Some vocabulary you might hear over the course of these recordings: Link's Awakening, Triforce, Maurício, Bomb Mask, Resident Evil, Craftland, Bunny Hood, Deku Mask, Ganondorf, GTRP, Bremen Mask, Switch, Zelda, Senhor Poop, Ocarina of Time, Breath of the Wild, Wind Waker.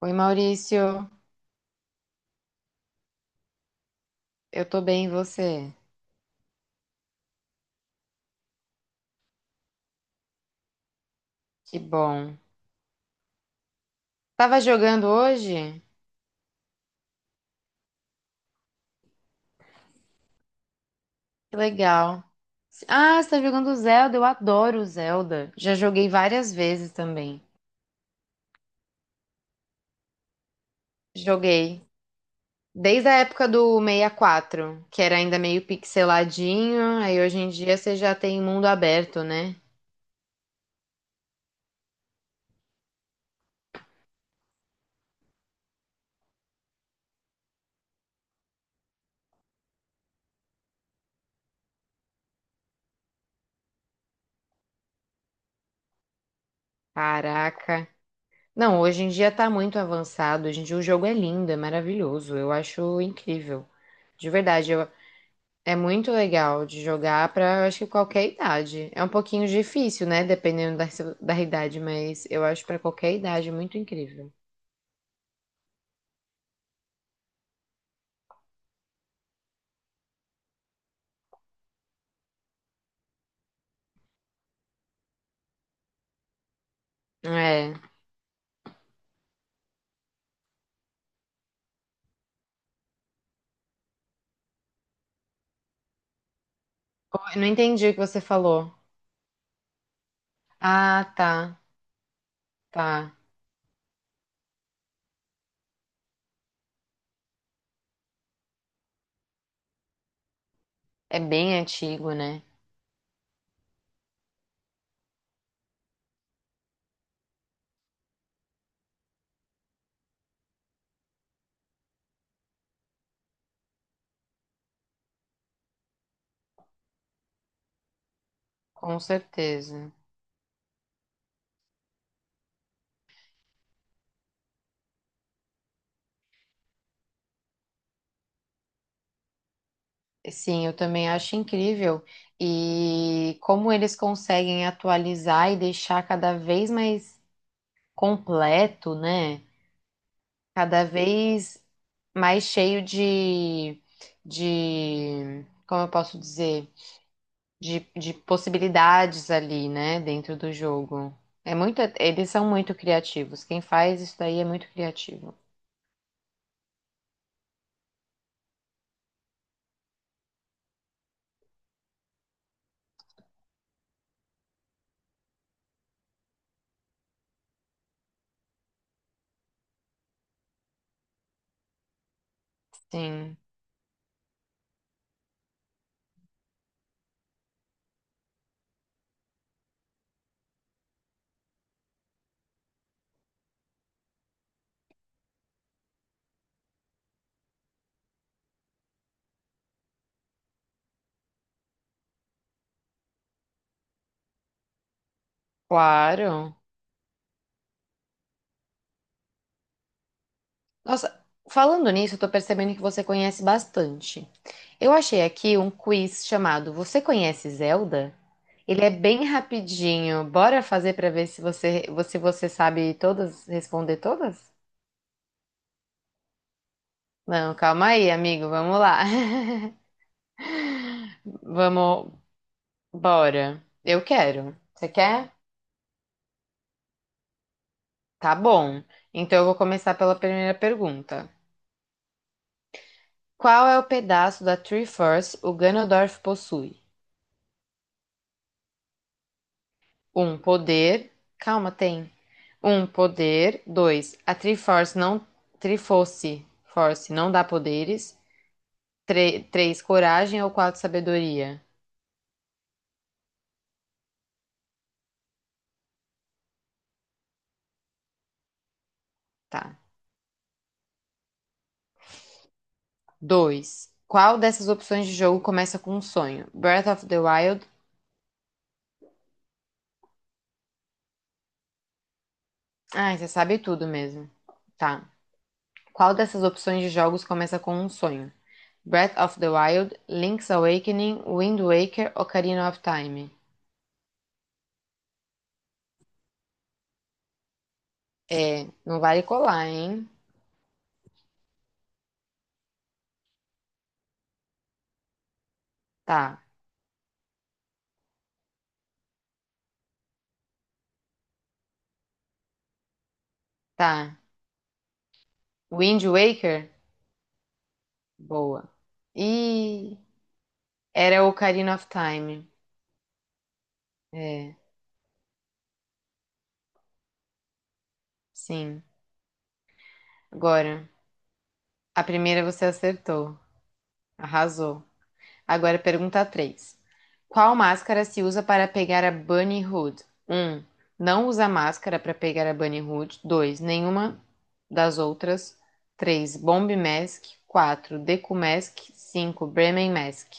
Oi, Maurício. Eu tô bem, e você? Que bom. Tava jogando hoje? Que legal. Ah, você tá jogando Zelda? Eu adoro Zelda. Já joguei várias vezes também. Joguei. Desde a época do 64, que era ainda meio pixeladinho, aí hoje em dia você já tem mundo aberto, né? Caraca. Não, hoje em dia tá muito avançado. Hoje em dia o jogo é lindo, é maravilhoso. Eu acho incrível. De verdade, eu É muito legal de jogar para, acho que qualquer idade. É um pouquinho difícil, né? Dependendo da idade, mas eu acho para qualquer idade muito incrível. É. Eu não entendi o que você falou. Ah, tá, tá. É bem antigo, né? Com certeza. Sim, eu também acho incrível. E como eles conseguem atualizar e deixar cada vez mais completo, né? Cada vez mais cheio de, como eu posso dizer, de possibilidades ali, né, dentro do jogo. É muito, eles são muito criativos. Quem faz isso daí é muito criativo. Sim, claro. Nossa, falando nisso, eu tô percebendo que você conhece bastante. Eu achei aqui um quiz chamado Você conhece Zelda? Ele é bem rapidinho. Bora fazer pra ver se você, se você sabe todas, responder todas? Não, calma aí, amigo. Vamos lá. Vamos, bora. Eu quero. Você quer? Tá bom. Então eu vou começar pela primeira pergunta. Qual é o pedaço da Triforce o Ganondorf possui? Um poder. Calma, tem. Um poder. Dois. A Triforce não. Triforce. Force não dá poderes. Três. Coragem ou quatro. Sabedoria. Tá. Dois. Qual dessas opções de jogo começa com um sonho? Breath of the Wild. Ai, você sabe tudo mesmo. Tá. Qual dessas opções de jogos começa com um sonho? Breath of the Wild, Link's Awakening, Wind Waker, Ocarina of Time. É, não vale colar, hein? Tá, tá. Wind Waker? Boa. E era Ocarina of Time. É, sim. Agora, a primeira você acertou. Arrasou. Agora pergunta 3: qual máscara se usa para pegar a Bunny Hood? Um, não usa máscara para pegar a Bunny Hood. 2, nenhuma das outras. 3, Bomb Mask. 4, Deku Mask. 5, Bremen Mask.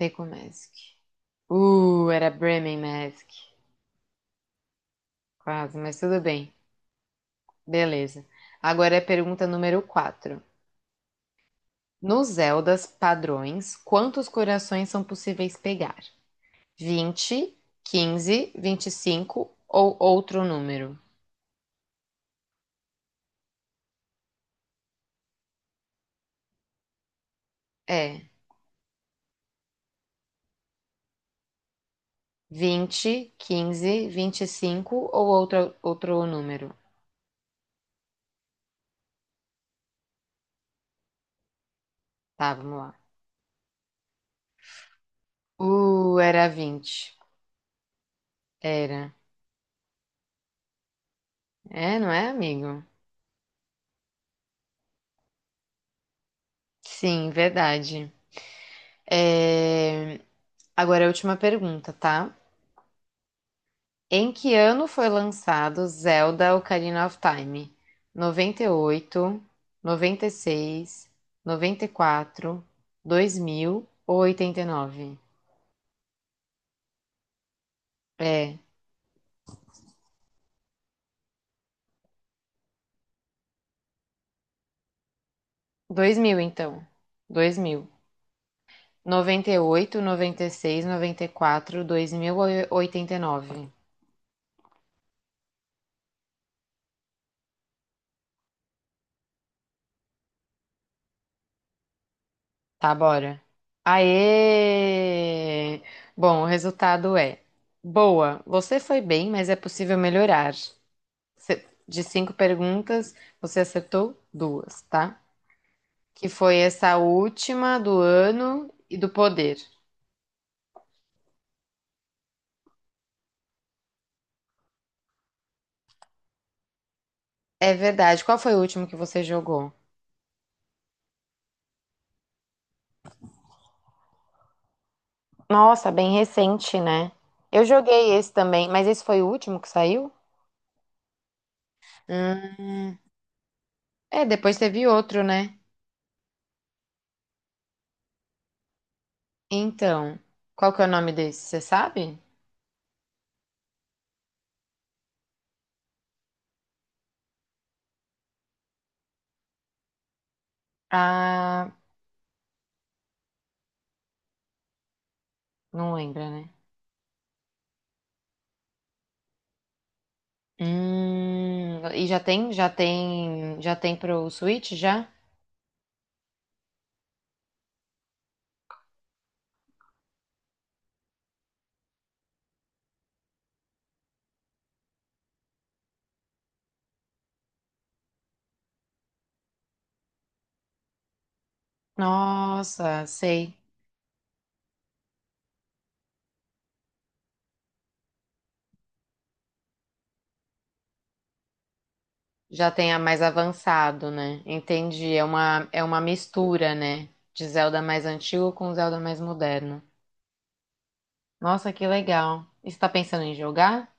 Deku Mask. Era Bremen Mask. Quase, mas tudo bem. Beleza. Agora é a pergunta número 4. Nos Zeldas padrões, quantos corações são possíveis pegar? 20, 15, 25 ou outro número. É, 20, 15, vinte e cinco ou outro número. Tá, vamos lá. Era 20. Era. É, não é, amigo? Sim, verdade. É, agora é a última pergunta, tá? Em que ano foi lançado Zelda Ocarina of Time? 98, 96, 94, 2000 ou 89? É, 2000 então. 2000. 98, 96, 94, 2000 ou 89. Tá, bora. Aê! Bom, o resultado é: boa, você foi bem, mas é possível melhorar. De cinco perguntas, você acertou duas, tá? Que foi essa última do ano e do poder. É verdade. Qual foi o último que você jogou? Nossa, bem recente, né? Eu joguei esse também, mas esse foi o último que saiu? Hum, é, depois teve outro, né? Então, qual que é o nome desse? Você sabe? Ah, não lembra, né? E já tem pro Switch já? Nossa, sei. Já tenha mais avançado, né? Entendi. É uma mistura, né? De Zelda mais antigo com Zelda mais moderno. Nossa, que legal. E você tá pensando em jogar?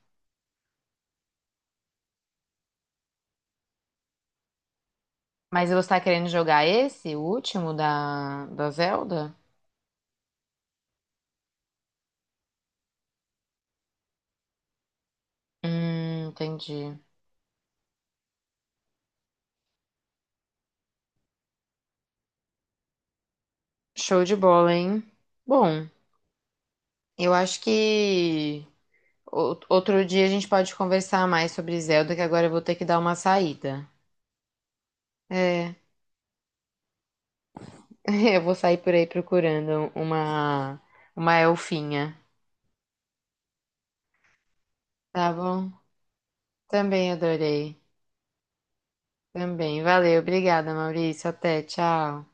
Mas você tá querendo jogar esse, o último da Zelda? Entendi. Show de bola, hein? Bom, eu acho que outro dia a gente pode conversar mais sobre Zelda, que agora eu vou ter que dar uma saída. É, eu vou sair por aí procurando uma elfinha. Tá bom? Também adorei. Também. Valeu, obrigada, Maurício. Até, tchau.